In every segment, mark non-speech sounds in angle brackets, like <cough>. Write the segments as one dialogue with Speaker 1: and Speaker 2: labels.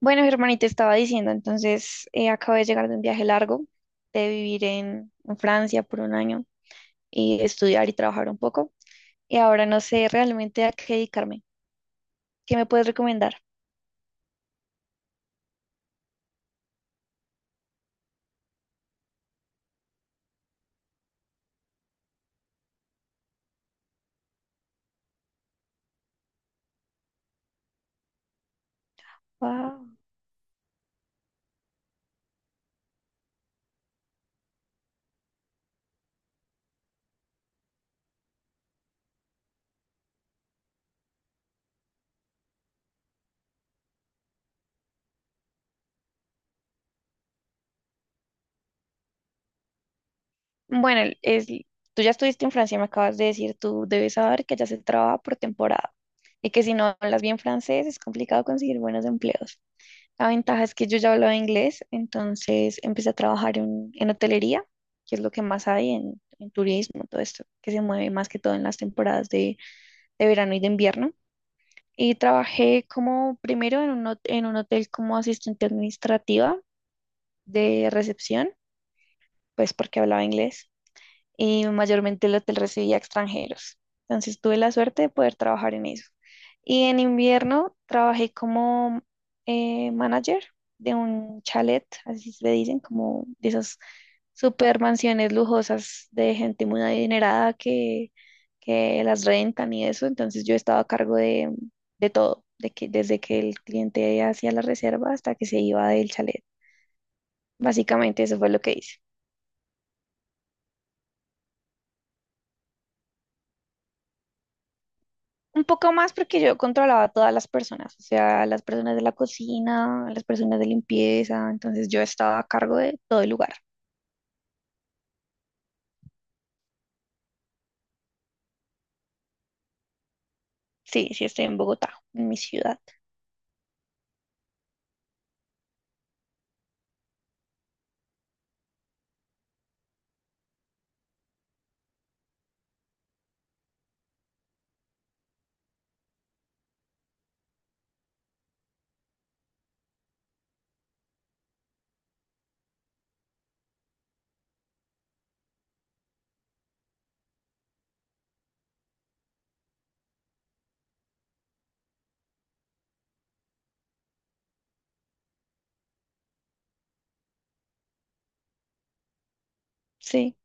Speaker 1: Bueno, Germán, te estaba diciendo, entonces acabo de llegar de un viaje largo, de vivir en Francia por un año y estudiar y trabajar un poco. Y ahora no sé realmente a qué dedicarme. ¿Qué me puedes recomendar? Wow. Bueno, es, tú ya estuviste en Francia, me acabas de decir, tú debes saber que ya se trabaja por temporada y que si no hablas bien francés es complicado conseguir buenos empleos. La ventaja es que yo ya hablaba inglés, entonces empecé a trabajar en hotelería, que es lo que más hay en turismo, todo esto, que se mueve más que todo en las temporadas de verano y de invierno. Y trabajé como primero en un hotel como asistente administrativa de recepción, pues porque hablaba inglés y mayormente el hotel recibía extranjeros. Entonces tuve la suerte de poder trabajar en eso. Y en invierno trabajé como manager de un chalet, así se dicen, como de esas super mansiones lujosas de gente muy adinerada que las rentan y eso. Entonces yo estaba a cargo de todo, desde que el cliente hacía la reserva hasta que se iba del chalet. Básicamente eso fue lo que hice. Un poco más porque yo controlaba a todas las personas, o sea, las personas de la cocina, las personas de limpieza, entonces yo estaba a cargo de todo el lugar. Sí, sí, estoy en Bogotá, en mi ciudad. Sí.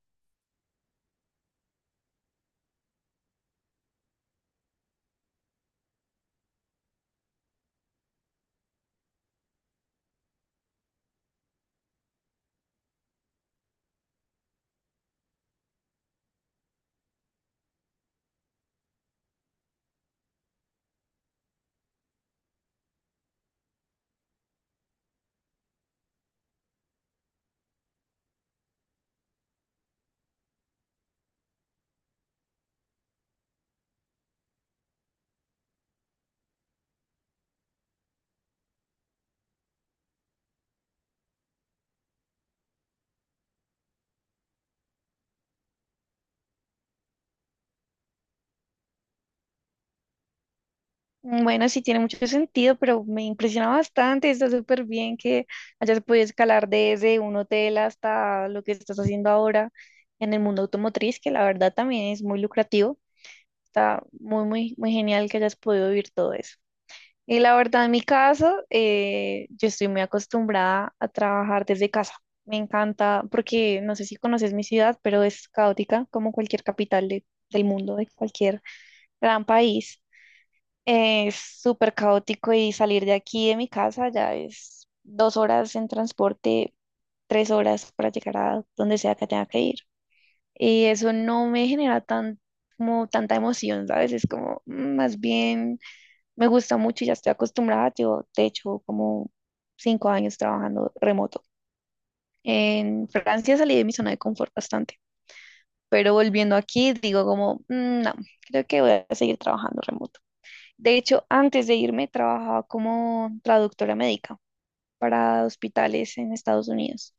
Speaker 1: Bueno, sí tiene mucho sentido, pero me impresiona bastante, está súper bien que hayas podido escalar desde un hotel hasta lo que estás haciendo ahora en el mundo automotriz, que la verdad también es muy lucrativo. Está muy, muy, muy genial que hayas podido vivir todo eso. Y la verdad, en mi caso, yo estoy muy acostumbrada a trabajar desde casa. Me encanta porque no sé si conoces mi ciudad, pero es caótica como cualquier capital del mundo, de cualquier gran país. Es súper caótico y salir de aquí, de mi casa, ya es 2 horas en transporte, 3 horas para llegar a donde sea que tenga que ir. Y eso no me genera tan, como tanta emoción, ¿sabes? Es como más bien me gusta mucho y ya estoy acostumbrada. Yo, de hecho, como 5 años trabajando remoto. En Francia salí de mi zona de confort bastante, pero volviendo aquí digo como, "Mm, no, creo que voy a seguir trabajando remoto. De hecho, antes de irme trabajaba como traductora médica para hospitales en Estados Unidos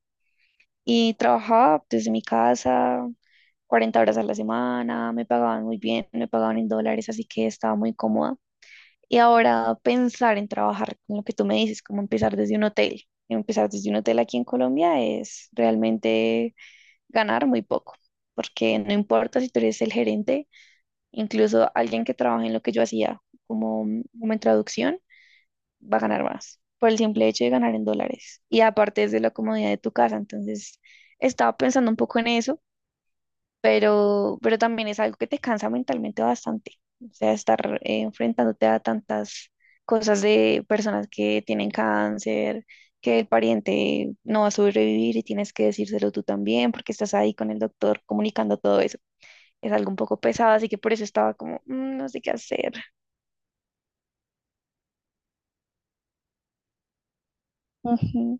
Speaker 1: y trabajaba desde mi casa 40 horas a la semana, me pagaban muy bien, me pagaban en dólares, así que estaba muy cómoda. Y ahora pensar en trabajar con lo que tú me dices, como empezar desde un hotel. Empezar desde un hotel aquí en Colombia es realmente ganar muy poco, porque no importa si tú eres el gerente, incluso alguien que trabaja en lo que yo hacía como, como en traducción, va a ganar más por el simple hecho de ganar en dólares. Y aparte es de la comodidad de tu casa, entonces estaba pensando un poco en eso, pero también es algo que te cansa mentalmente bastante. O sea, estar enfrentándote a tantas cosas de personas que tienen cáncer, que el pariente no va a sobrevivir y tienes que decírselo tú también porque estás ahí con el doctor comunicando todo eso. Es algo un poco pesado, así que por eso estaba como, "Mm, no sé qué hacer." Ujú,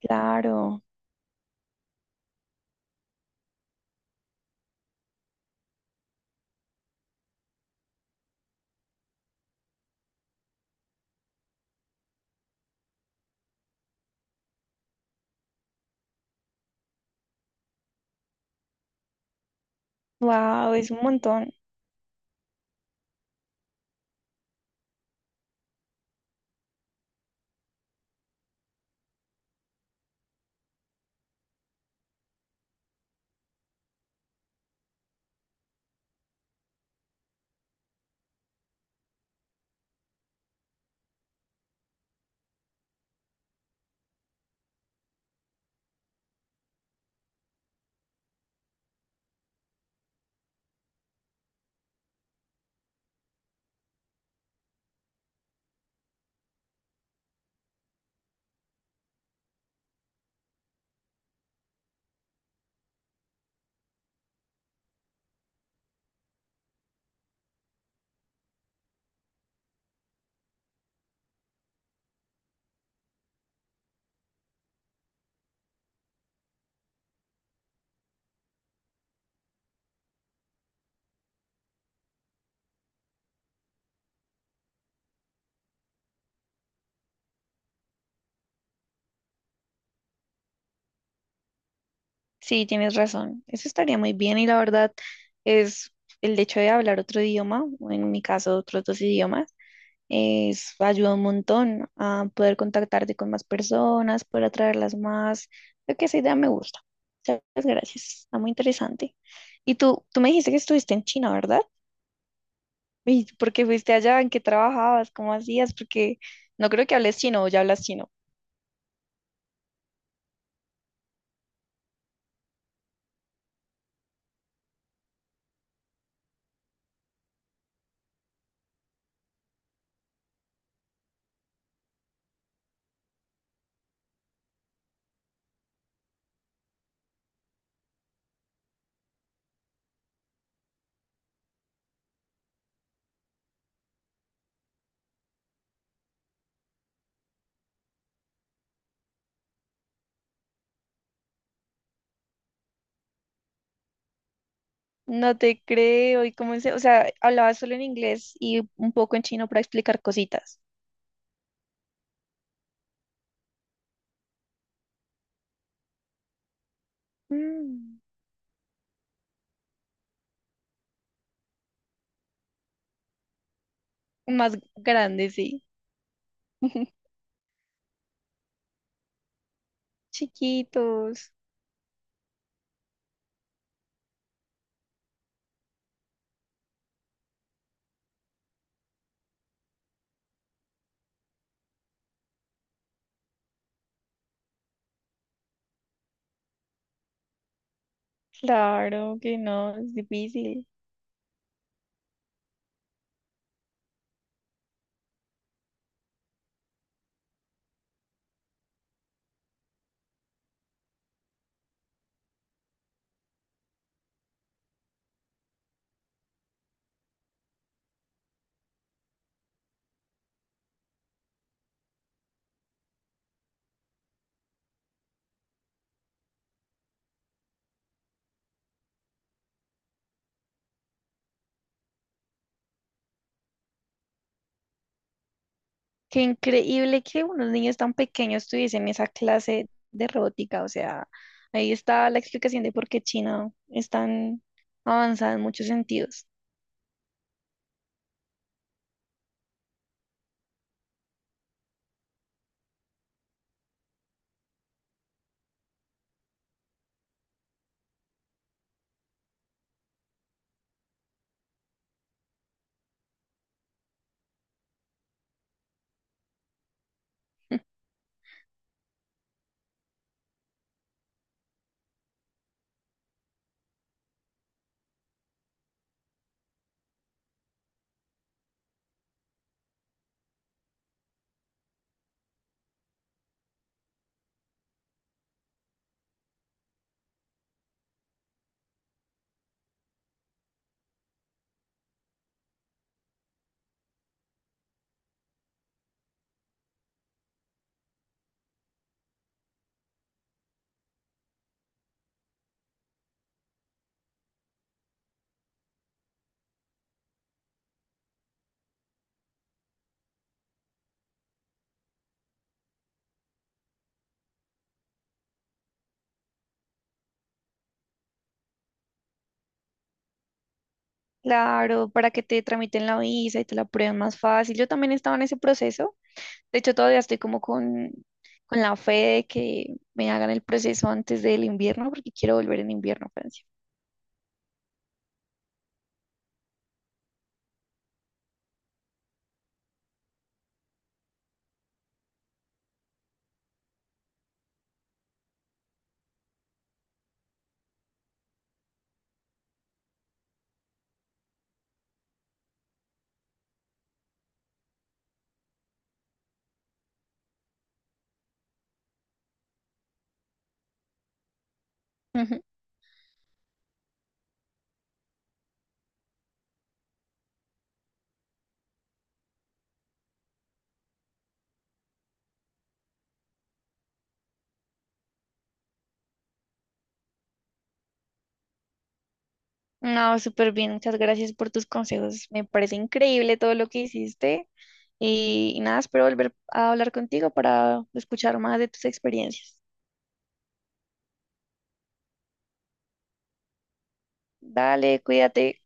Speaker 1: claro, wow, es un montón. Sí, tienes razón. Eso estaría muy bien y la verdad es el hecho de hablar otro idioma, o en mi caso otros dos idiomas. Es, ayuda un montón a poder contactarte con más personas, poder atraerlas más. Creo que esa idea me gusta. Muchas gracias. Está muy interesante. Y tú me dijiste que estuviste en China, ¿verdad? ¿Y por qué fuiste allá? ¿En qué trabajabas? ¿Cómo hacías? Porque no creo que hables chino o ya hablas chino. No te creo. ¿Y cómo se, o sea, hablabas solo en inglés y un poco en chino para explicar cositas? Mm, más grande, sí. <laughs> Chiquitos. Claro que no, es difícil. Qué increíble que unos niños tan pequeños tuviesen esa clase de robótica. O sea, ahí está la explicación de por qué China es tan avanzada en muchos sentidos. <laughs> Claro, para que te tramiten la visa y te la aprueben más fácil. Yo también estaba en ese proceso. De hecho, todavía estoy como con la fe de que me hagan el proceso antes del invierno, porque quiero volver en invierno a Francia. Ujú. No, súper bien, muchas gracias por tus consejos. Me parece increíble todo lo que hiciste y nada, espero volver a hablar contigo para escuchar más de tus experiencias. Dale, cuídate.